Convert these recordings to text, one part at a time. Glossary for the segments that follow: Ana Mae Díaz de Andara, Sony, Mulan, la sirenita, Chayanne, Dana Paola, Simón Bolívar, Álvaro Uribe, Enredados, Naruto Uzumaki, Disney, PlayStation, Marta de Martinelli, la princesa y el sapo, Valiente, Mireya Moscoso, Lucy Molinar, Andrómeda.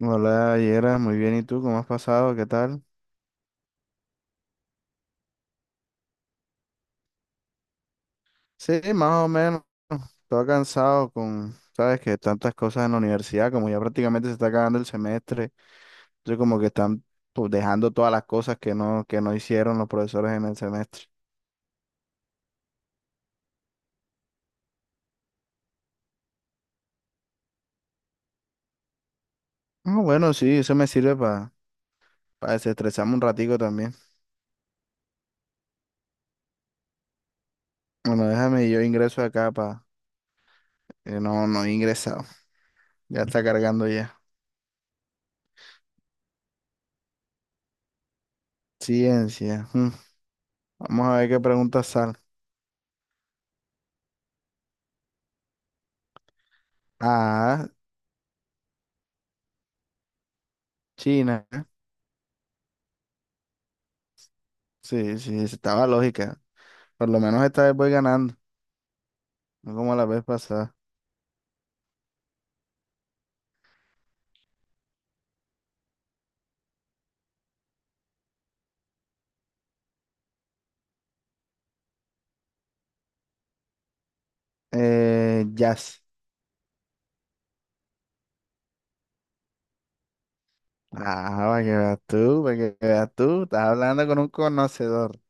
Hola, Yera, muy bien. ¿Y tú cómo has pasado? ¿Qué tal? Sí, más o menos. Todo cansado con, sabes, que tantas cosas en la universidad, como ya prácticamente se está acabando el semestre. Entonces, como que están pues, dejando todas las cosas que no hicieron los profesores en el semestre. Ah, bueno, sí, eso me sirve para desestresarme un ratico también. Bueno, déjame, yo ingreso acá para... no, no he ingresado. Ya está cargando ya. Ciencia. Mm. Vamos a ver qué preguntas salen. Ah, China. Sí, sí, estaba lógica. Por lo menos esta vez voy ganando, no como la vez pasada. Jazz. Ah, para que veas tú, para que veas tú. Estás hablando con un conocedor.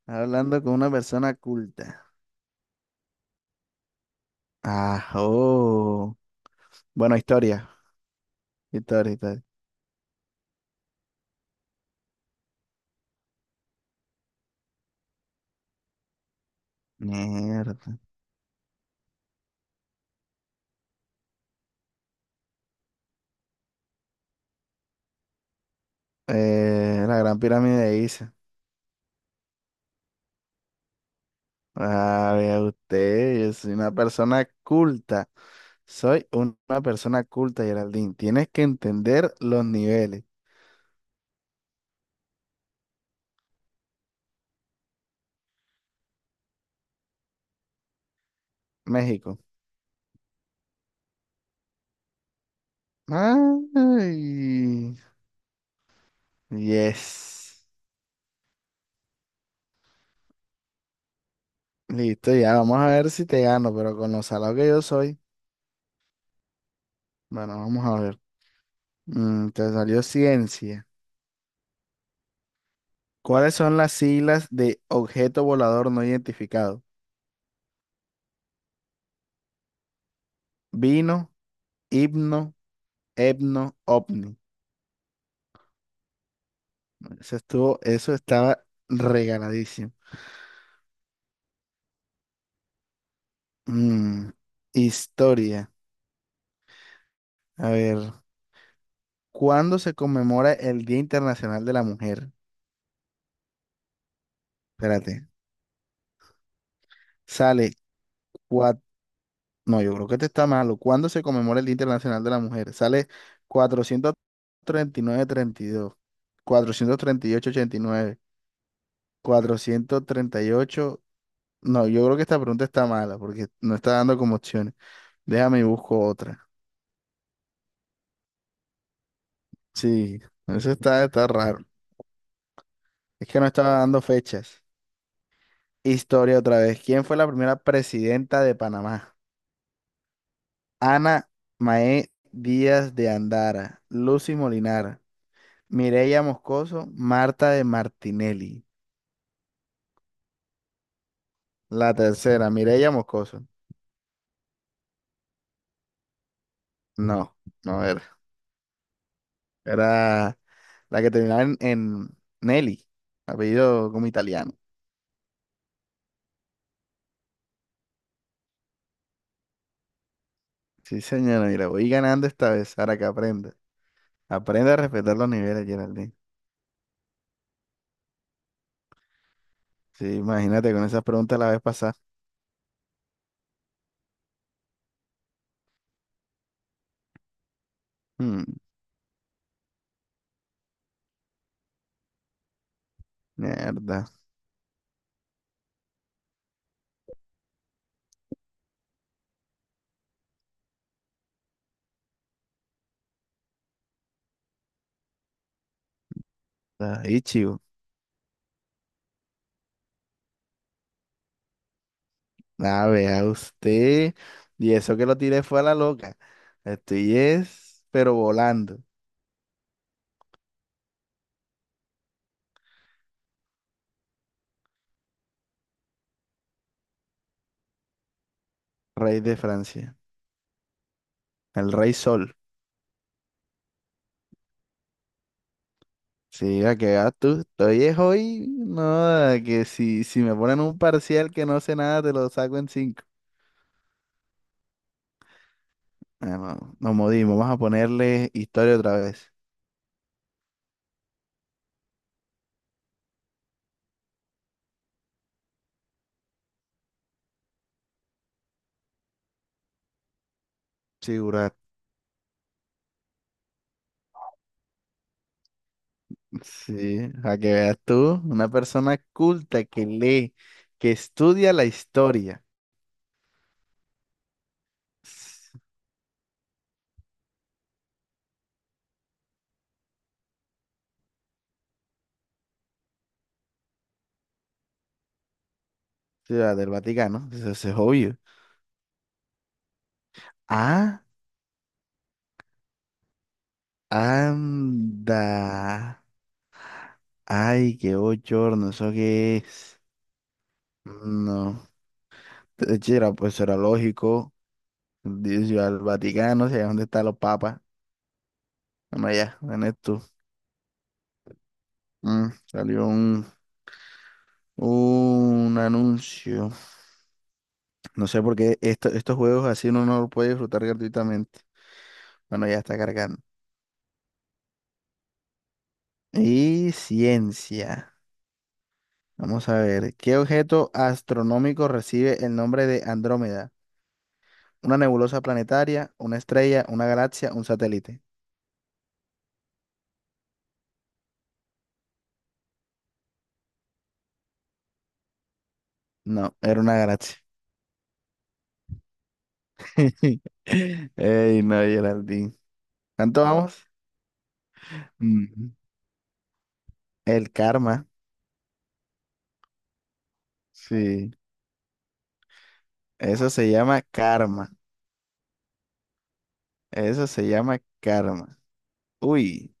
Estás hablando con una persona culta. Ah, oh. Bueno, historia. Historia, historia. Mierda. La Gran Pirámide de Giza. Ah, vea usted, yo soy una persona culta. Soy una persona culta, Geraldine. Tienes que entender los niveles. México. Ay. Yes. Listo, ya vamos a ver si te gano, pero con lo salado que yo soy. Bueno, vamos a ver. Te salió ciencia. ¿Cuáles son las siglas de objeto volador no identificado? Vino, himno, etno, ovni. Eso estaba regaladísimo. Mm, historia. A ver, ¿cuándo se conmemora el Día Internacional de la Mujer? Espérate. Sale No, yo creo que este está malo. ¿Cuándo se conmemora el Día Internacional de la Mujer? Sale cuatrocientos cuatrocientos treinta y nueve dos, ocho ochenta y nueve, 438. No, yo creo que esta pregunta está mala porque no está dando como opciones. Déjame y busco otra. Sí, eso está raro. Es que no estaba dando fechas. Historia otra vez. ¿Quién fue la primera presidenta de Panamá? Ana Mae Díaz de Andara, Lucy Molinar, Mireya Moscoso, Marta de Martinelli. La tercera, Mireya Moscoso. No, no era. Era la que terminaba en Nelly, apellido como italiano. Sí, señora, mira, voy ganando esta vez, ahora que aprenda. Aprende a respetar los niveles, Geraldine. Sí, imagínate con esas preguntas la vez pasada. Hmm, mierda. Ahí, chico. A vea usted. Y eso que lo tiré fue a la loca. Estoy es, pero volando. Rey de Francia. El Rey Sol. Sí, a que vas tú. Estoy es hoy, no, a que si, si me ponen un parcial que no sé nada, te lo saco en cinco. Ah, no, nos modimos, vamos a ponerle historia otra vez. Sí, Burak. Sí, a que veas tú, una persona culta que lee, que estudia la historia. Ciudad del Vaticano, eso es obvio. Ah, anda. Ay, qué bochorno, ¿eso qué es? No, de hecho, era lógico. Dice, yo al Vaticano, sé dónde están los papas. Bueno, allá en esto. Salió un anuncio. No sé por qué estos juegos así uno no los puede disfrutar gratuitamente. Bueno, ya está cargando. Y ciencia. Vamos a ver. ¿Qué objeto astronómico recibe el nombre de Andrómeda? ¿Una nebulosa planetaria, una estrella, una galaxia, un satélite? No, era una galaxia. Ey, no, Geraldine. ¿Cuánto vamos? Mm, El karma. Sí, eso se llama karma. Eso se llama karma. Uy,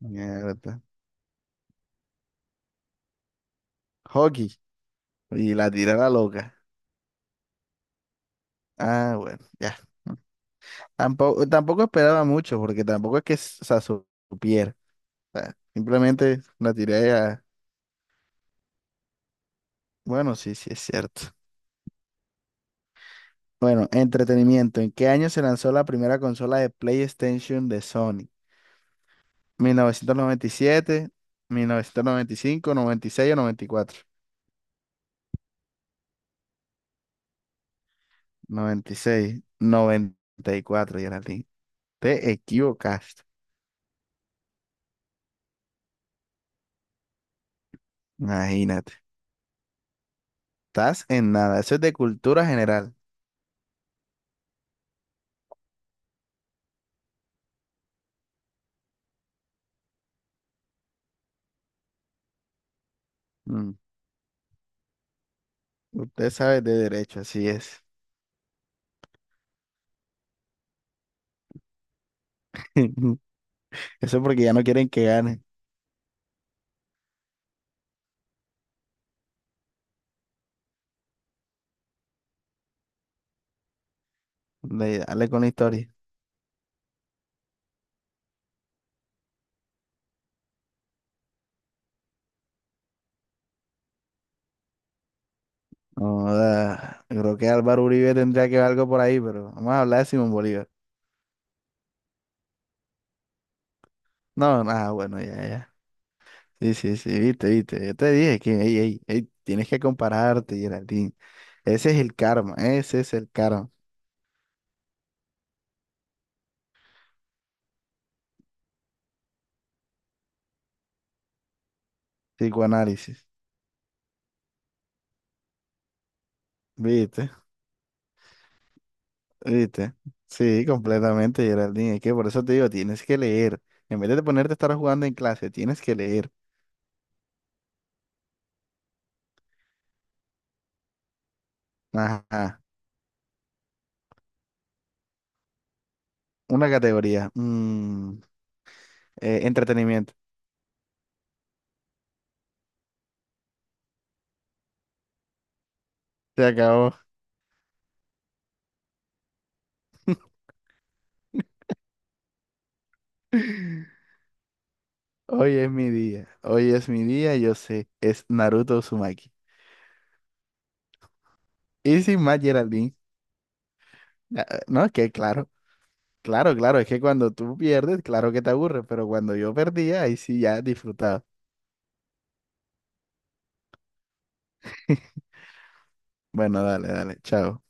mierda. Hockey. Y la tira la loca. Ah, bueno, ya. Tampoco esperaba mucho, porque tampoco es que o sea, supiera. O sea, simplemente la tiré a. Bueno, sí, sí, es cierto. Bueno, entretenimiento. ¿En qué año se lanzó la primera consola de PlayStation de Sony? ¿Mil novecientos noventa y siete, 1995, noventa y seis o 94? noventa noventa y seis, noventa y cuatro, Geraldine. Te equivocaste. Imagínate. Estás en nada. Eso es de cultura general. Mm, Usted sabe de derecho, así es. Eso porque ya no quieren que gane. Dale con la historia. Joda, creo que Álvaro Uribe tendría que ver algo por ahí, pero vamos a hablar de Simón Bolívar. No, nada, bueno, ya, ya. Sí, sí, sí, viste, viste. Yo te dije que, ey, ey, ey, tienes que compararte, Geraldine. Ese es el karma, ese es el karma. Psicoanálisis. Viste. ¿Viste? Sí, completamente, Geraldine. Es que por eso te digo, tienes que leer. En vez de ponerte a estar jugando en clase, tienes que leer. Ajá. Una categoría. Entretenimiento. Se acabó. Hoy es mi día. Hoy es mi día, yo sé. Es Naruto Uzumaki. Y sin más, Geraldine. No, es que claro. Claro, claro. Es que cuando tú pierdes, claro que te aburres. Pero cuando yo perdía, ahí sí ya disfrutaba. Bueno, dale, dale. Chao.